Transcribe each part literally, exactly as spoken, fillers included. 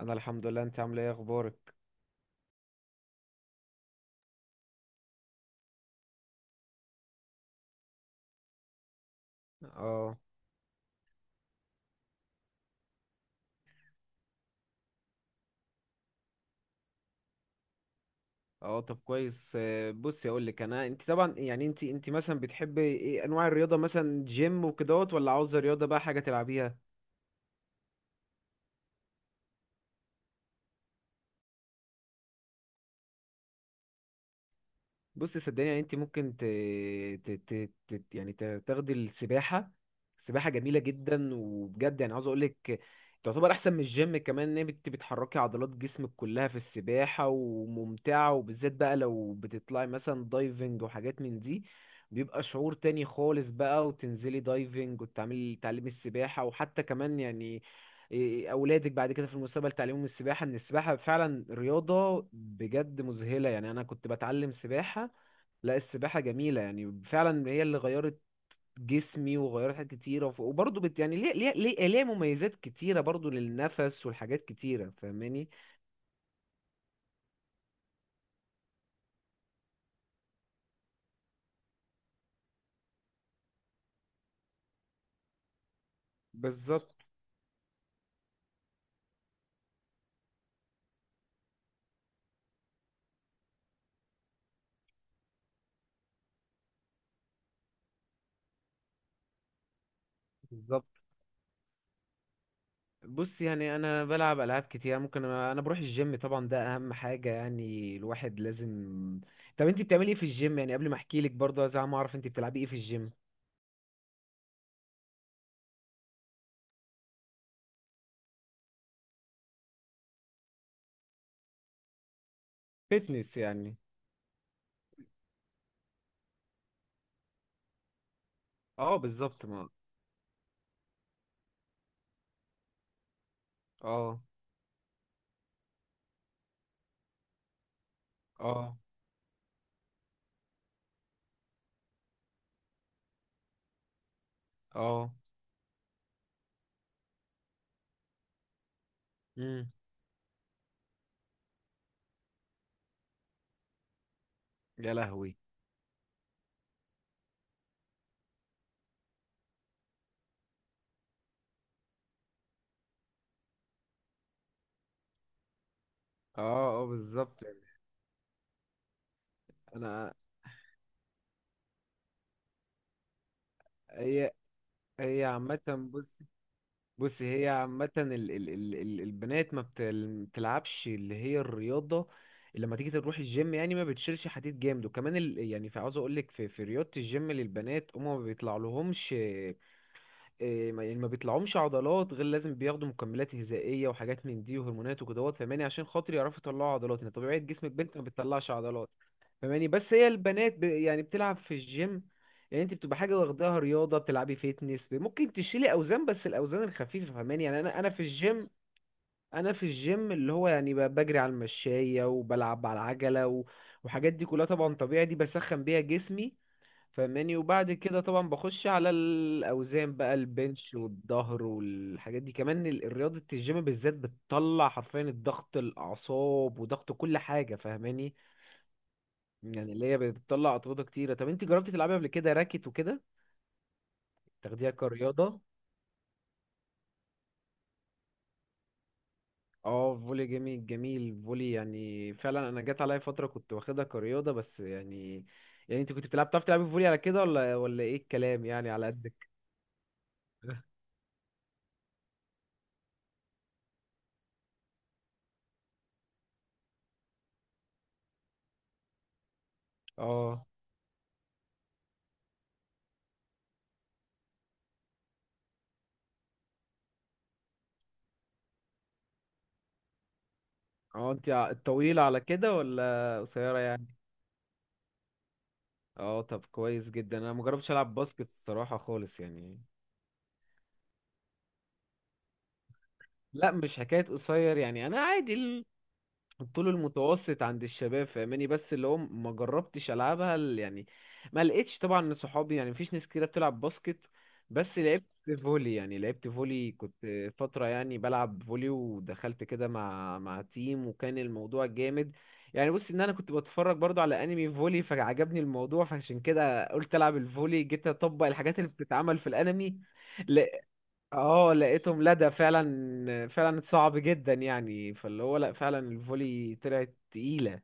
انا الحمد لله. انت عامله ايه، اخبارك؟ اه اه، طب كويس. آه، بصي اقول لك. انا انت طبعا، يعني انت انت مثلا بتحبي ايه انواع الرياضه؟ مثلا جيم وكدهوت، ولا عاوزه رياضه بقى حاجه تلعبيها؟ بص صدقني، يعني انت ممكن ت... ت... ت... ت... يعني ت- تاخدي السباحه. السباحه جميله جدا وبجد، يعني عاوز اقول لك تعتبر احسن من الجيم كمان. ان انت بتحركي عضلات جسمك كلها في السباحه وممتعه، وبالذات بقى لو بتطلعي مثلا دايفنج وحاجات من دي، بيبقى شعور تاني خالص بقى. وتنزلي دايفنج، وتعملي تعليم السباحه، وحتى كمان يعني إيه، إيه، اولادك بعد كده في المستقبل تعلمهم السباحه. ان السباحه فعلا رياضه بجد مذهله، يعني انا كنت بتعلم سباحه. لا، السباحة جميلة، يعني فعلا هي اللي غيرت جسمي وغيرت حاجات كتيرة. وف- وبرضه بت يعني ليه ليه ليه ليه مميزات كتيرة برضه للنفس والحاجات كتيرة، فاهماني؟ بالظبط بالظبط بص، يعني انا بلعب العاب كتير. ممكن انا أنا بروح الجيم طبعا، ده اهم حاجة، يعني الواحد لازم. طب انت بتعملي ايه في الجيم؟ يعني قبل ما احكي لك برضه عايز ما اعرف انت بتلعبي ايه في الجيم. فتنس يعني؟ اه بالظبط. ما اه اه اه، امم يا لهوي. اه اه، بالظبط. انا هي هي عامة بص بص هي عامة ال ال ال ال- البنات ما بتل- بتلعبش اللي هي الرياضة اللي لما تيجي تروح الجيم، يعني ما بتشيلش حديد جامد. وكمان ال، يعني في، عاوز اقول لك في, في رياضة الجيم للبنات هما ما بيطلع لهمش، آه، آه، ما- يعني ما بيطلعهمش عضلات غير لازم بياخدوا مكملات غذائية وحاجات من دي وهرمونات وكدهوت، فاهماني؟ عشان خاطر يعرفوا يطلعوا عضلات، يعني طبيعة جسم البنت ما بتطلعش عضلات. فاهماني؟ بس هي البنات ب... يعني بتلعب في الجيم، يعني انت بتبقى حاجه واخداها رياضه، بتلعبي فيتنس، ممكن تشيلي اوزان بس الاوزان الخفيفه، فاهماني؟ يعني انا انا في الجيم انا في الجيم اللي هو، يعني ب- بجري على المشايه وبلعب على العجله، و... وحاجات دي كلها طبعا طبيعي، دي بسخن بيها جسمي، فاهماني؟ وبعد كده طبعا بخش على الاوزان بقى، البنش والظهر والحاجات دي. كمان ال- رياضه الجيم بالذات بتطلع حرفيا الضغط، الاعصاب، وضغط كل حاجه، فاهماني؟ يعني اللي هي بتطلع أطرودة كتيرة. طب انت جربتي تلعبي قبل كده راكت وكده؟ تاخديها كرياضة؟ اه، فولي جميل جميل فولي، يعني فعلا انا جات عليا فترة كنت واخدها كرياضة، بس يعني، يعني انت كنت بتلعب، بتعرفي تلعبي فولي على كده، ولا ولا ايه الكلام يعني على قدك؟ اه اه. انت ع- طويلة على كده ولا قصيرة يعني؟ اه، طب كويس جدا. انا مجربتش العب باسكت الصراحة خالص يعني. لا، مش حكاية قصير، يعني انا عادي. الطول المتوسط عند الشباب، فاهماني؟ بس اللي هو ما جربتش العبها، ال- يعني ما لقيتش طبعا صحابي، يعني مفيش ناس كتيره بتلعب باسكت. بس لعبت فولي، يعني لعبت فولي، كنت فتره يعني بلعب فولي، ودخلت كده مع مع تيم وكان الموضوع جامد. يعني بص، ان انا كنت بتفرج برضو على انمي فولي فعجبني الموضوع، فعشان كده قلت العب الفولي، جيت اطبق الحاجات اللي بتتعمل في الانمي. اه لقيتهم لدى، فعلا فعلا صعب جدا يعني، فاللي هو لا، فعلا الفولي طلعت تقيلة.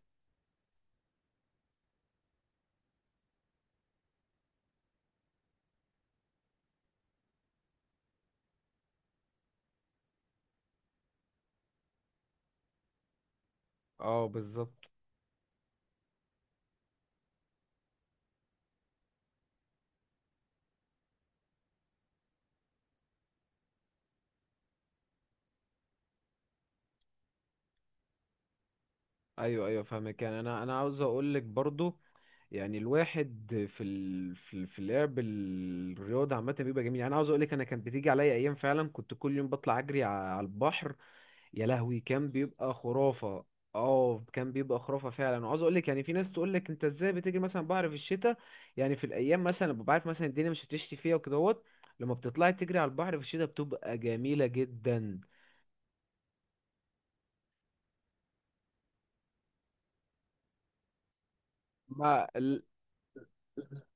اه بالظبط. ايوه ايوه فاهمك. يعني انا انا عاوز اقول لك برضو، يعني الواحد في ال... في ال- في لعب الرياضة عامة بيبقى جميل. يعني انا عاوز اقول لك، انا كان بتيجي عليا ايام فعلا كنت كل يوم بطلع اجري ع- على البحر. يا لهوي كان بيبقى خرافة. اه كان بيبقى خرافة فعلا. وعاوز اقول لك، يعني في ناس تقول لك انت ازاي بتيجي مثلا بحر في الشتاء؟ يعني في الايام مثلا ببقى عارف مثلا الدنيا مش هتشتي فيها وكده اهوت. لما بتطلعي تجري على البحر في الشتاء بتبقى جميلة جدا. ما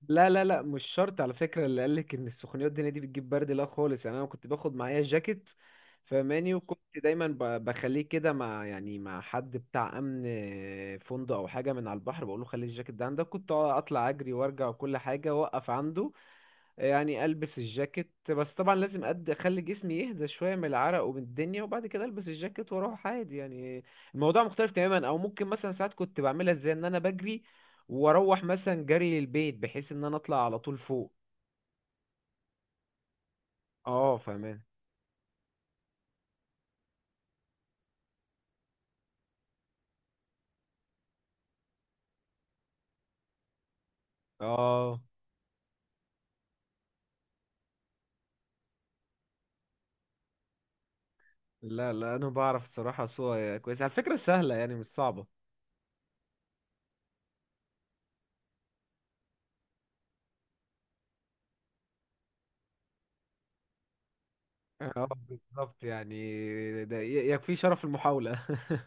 لا لا لا، مش شرط على فكرة، اللي قالك ان السخونيات الدنيا دي بتجيب برد لا خالص. يعني انا كنت باخد معايا جاكيت فماني، وكنت دايما ب- بخليه كده مع، يعني مع حد بتاع امن فندق او حاجة من على البحر، بقول له خلي الجاكيت ده عندك، كنت اطلع اجري وارجع، وكل حاجة واقف عنده. يعني البس الجاكيت، بس طبعا لازم قد اخلي جسمي يهدى شويه من العرق ومن الدنيا، وبعد كده البس الجاكيت واروح عادي يعني. الموضوع مختلف تماما، او ممكن مثلا ساعات كنت بعملها ازاي، ان انا بجري واروح مثلا جري للبيت، بحيث ان انا اطلع على طول فوق. اه فاهمان. اه لا لا، انا بعرف الصراحه صوره كويس على فكره، سهله يعني مش صعبه. اه بالظبط، يعني ده ي- يكفي شرف المحاوله.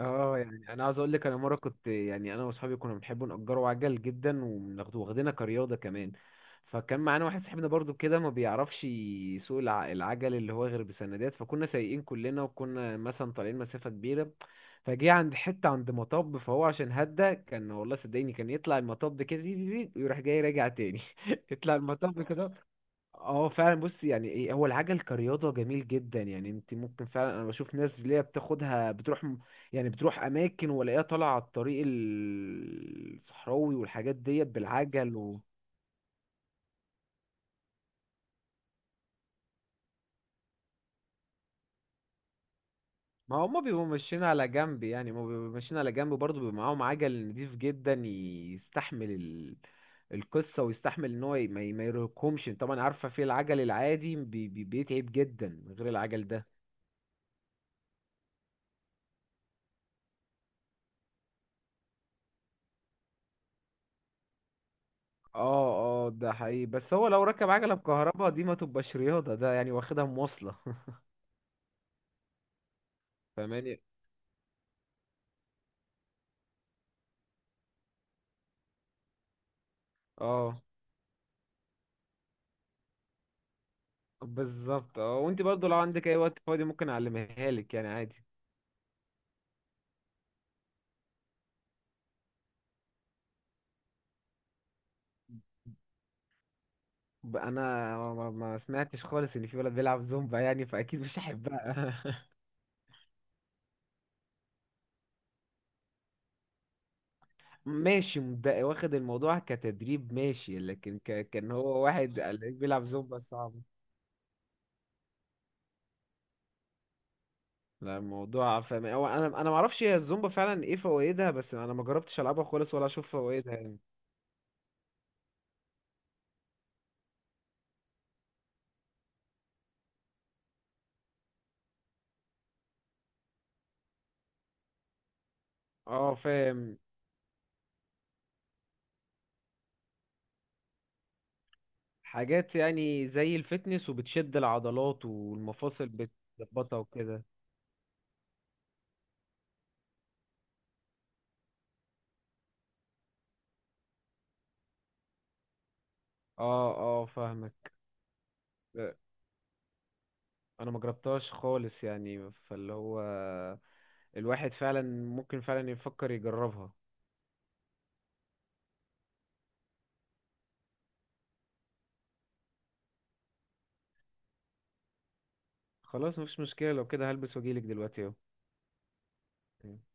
اه، يعني انا عايز اقول لك، انا مره كنت، يعني انا واصحابي كنا بنحب نأجروا عجل جدا وناخده، واخدينها كرياضه كمان. فكان معانا واحد صاحبنا برضو كده ما بيعرفش يسوق الع- العجل، اللي هو غير بسندات. فكنا سايقين كلنا، وكنا مثلا طالعين مسافه كبيره. فجه عند حته، عند مطب، فهو عشان هدى كان، والله صدقيني كان يطلع المطب كده، دي- دي- دي، ويروح جاي راجع تاني. يطلع المطب كده. اه فعلا. بص، يعني ايه، هو العجل كرياضة جميل جدا. يعني انت ممكن فعلا، انا بشوف ناس اللي هي بتاخدها بتروح، م- يعني بتروح اماكن، والاقيها طالعة على الطريق ال- الصحراوي، والحاجات ديت بالعجل و... ما هما بيبقوا ماشيين على جنب، يعني هما بيبقوا ماشيين على جنب برضه، بيبقى معاهم عجل نضيف جدا يستحمل ال... القصة، ويستحمل ان هو ي- ما ي- ما يرهقهمش. طبعا عارفة في العجل العادي بي... بي... بيتعب جدا، غير العجل ده. اه اه، ده حقيقي. بس هو لو ركب عجلة بكهرباء دي ما تبقاش رياضة، ده يعني واخدها مواصلة. فاهماني؟ اه بالظبط. اه، وانت برضو لو عندك اي وقت فاضي ممكن اعلمها لك، يعني عادي. ب- انا ما ما سمعتش خالص ان في ولد بيلعب زومبا، يعني فاكيد مش هحبها. ماشي مبدئي، واخد الموضوع كتدريب ماشي، لكن ك... كان هو واحد قال لك بيلعب زومبا صعب. لا، الموضوع فاهم. هو انا انا ما اعرفش هي الزومبا فعلا ايه فوائدها، بس انا ما جربتش العبها خالص ولا اشوف فوائدها يعني. اه فاهم. حاجات يعني زي الفتنس، وبتشد العضلات والمفاصل بتظبطها وكده. اه اه فاهمك. لا، انا ما جربتهاش خالص يعني، فاللي هو الواحد فعلا ممكن فعلا يفكر يجربها. خلاص مفيش مشكلة، لو كده هلبس واجيلك دلوقتي. اهو.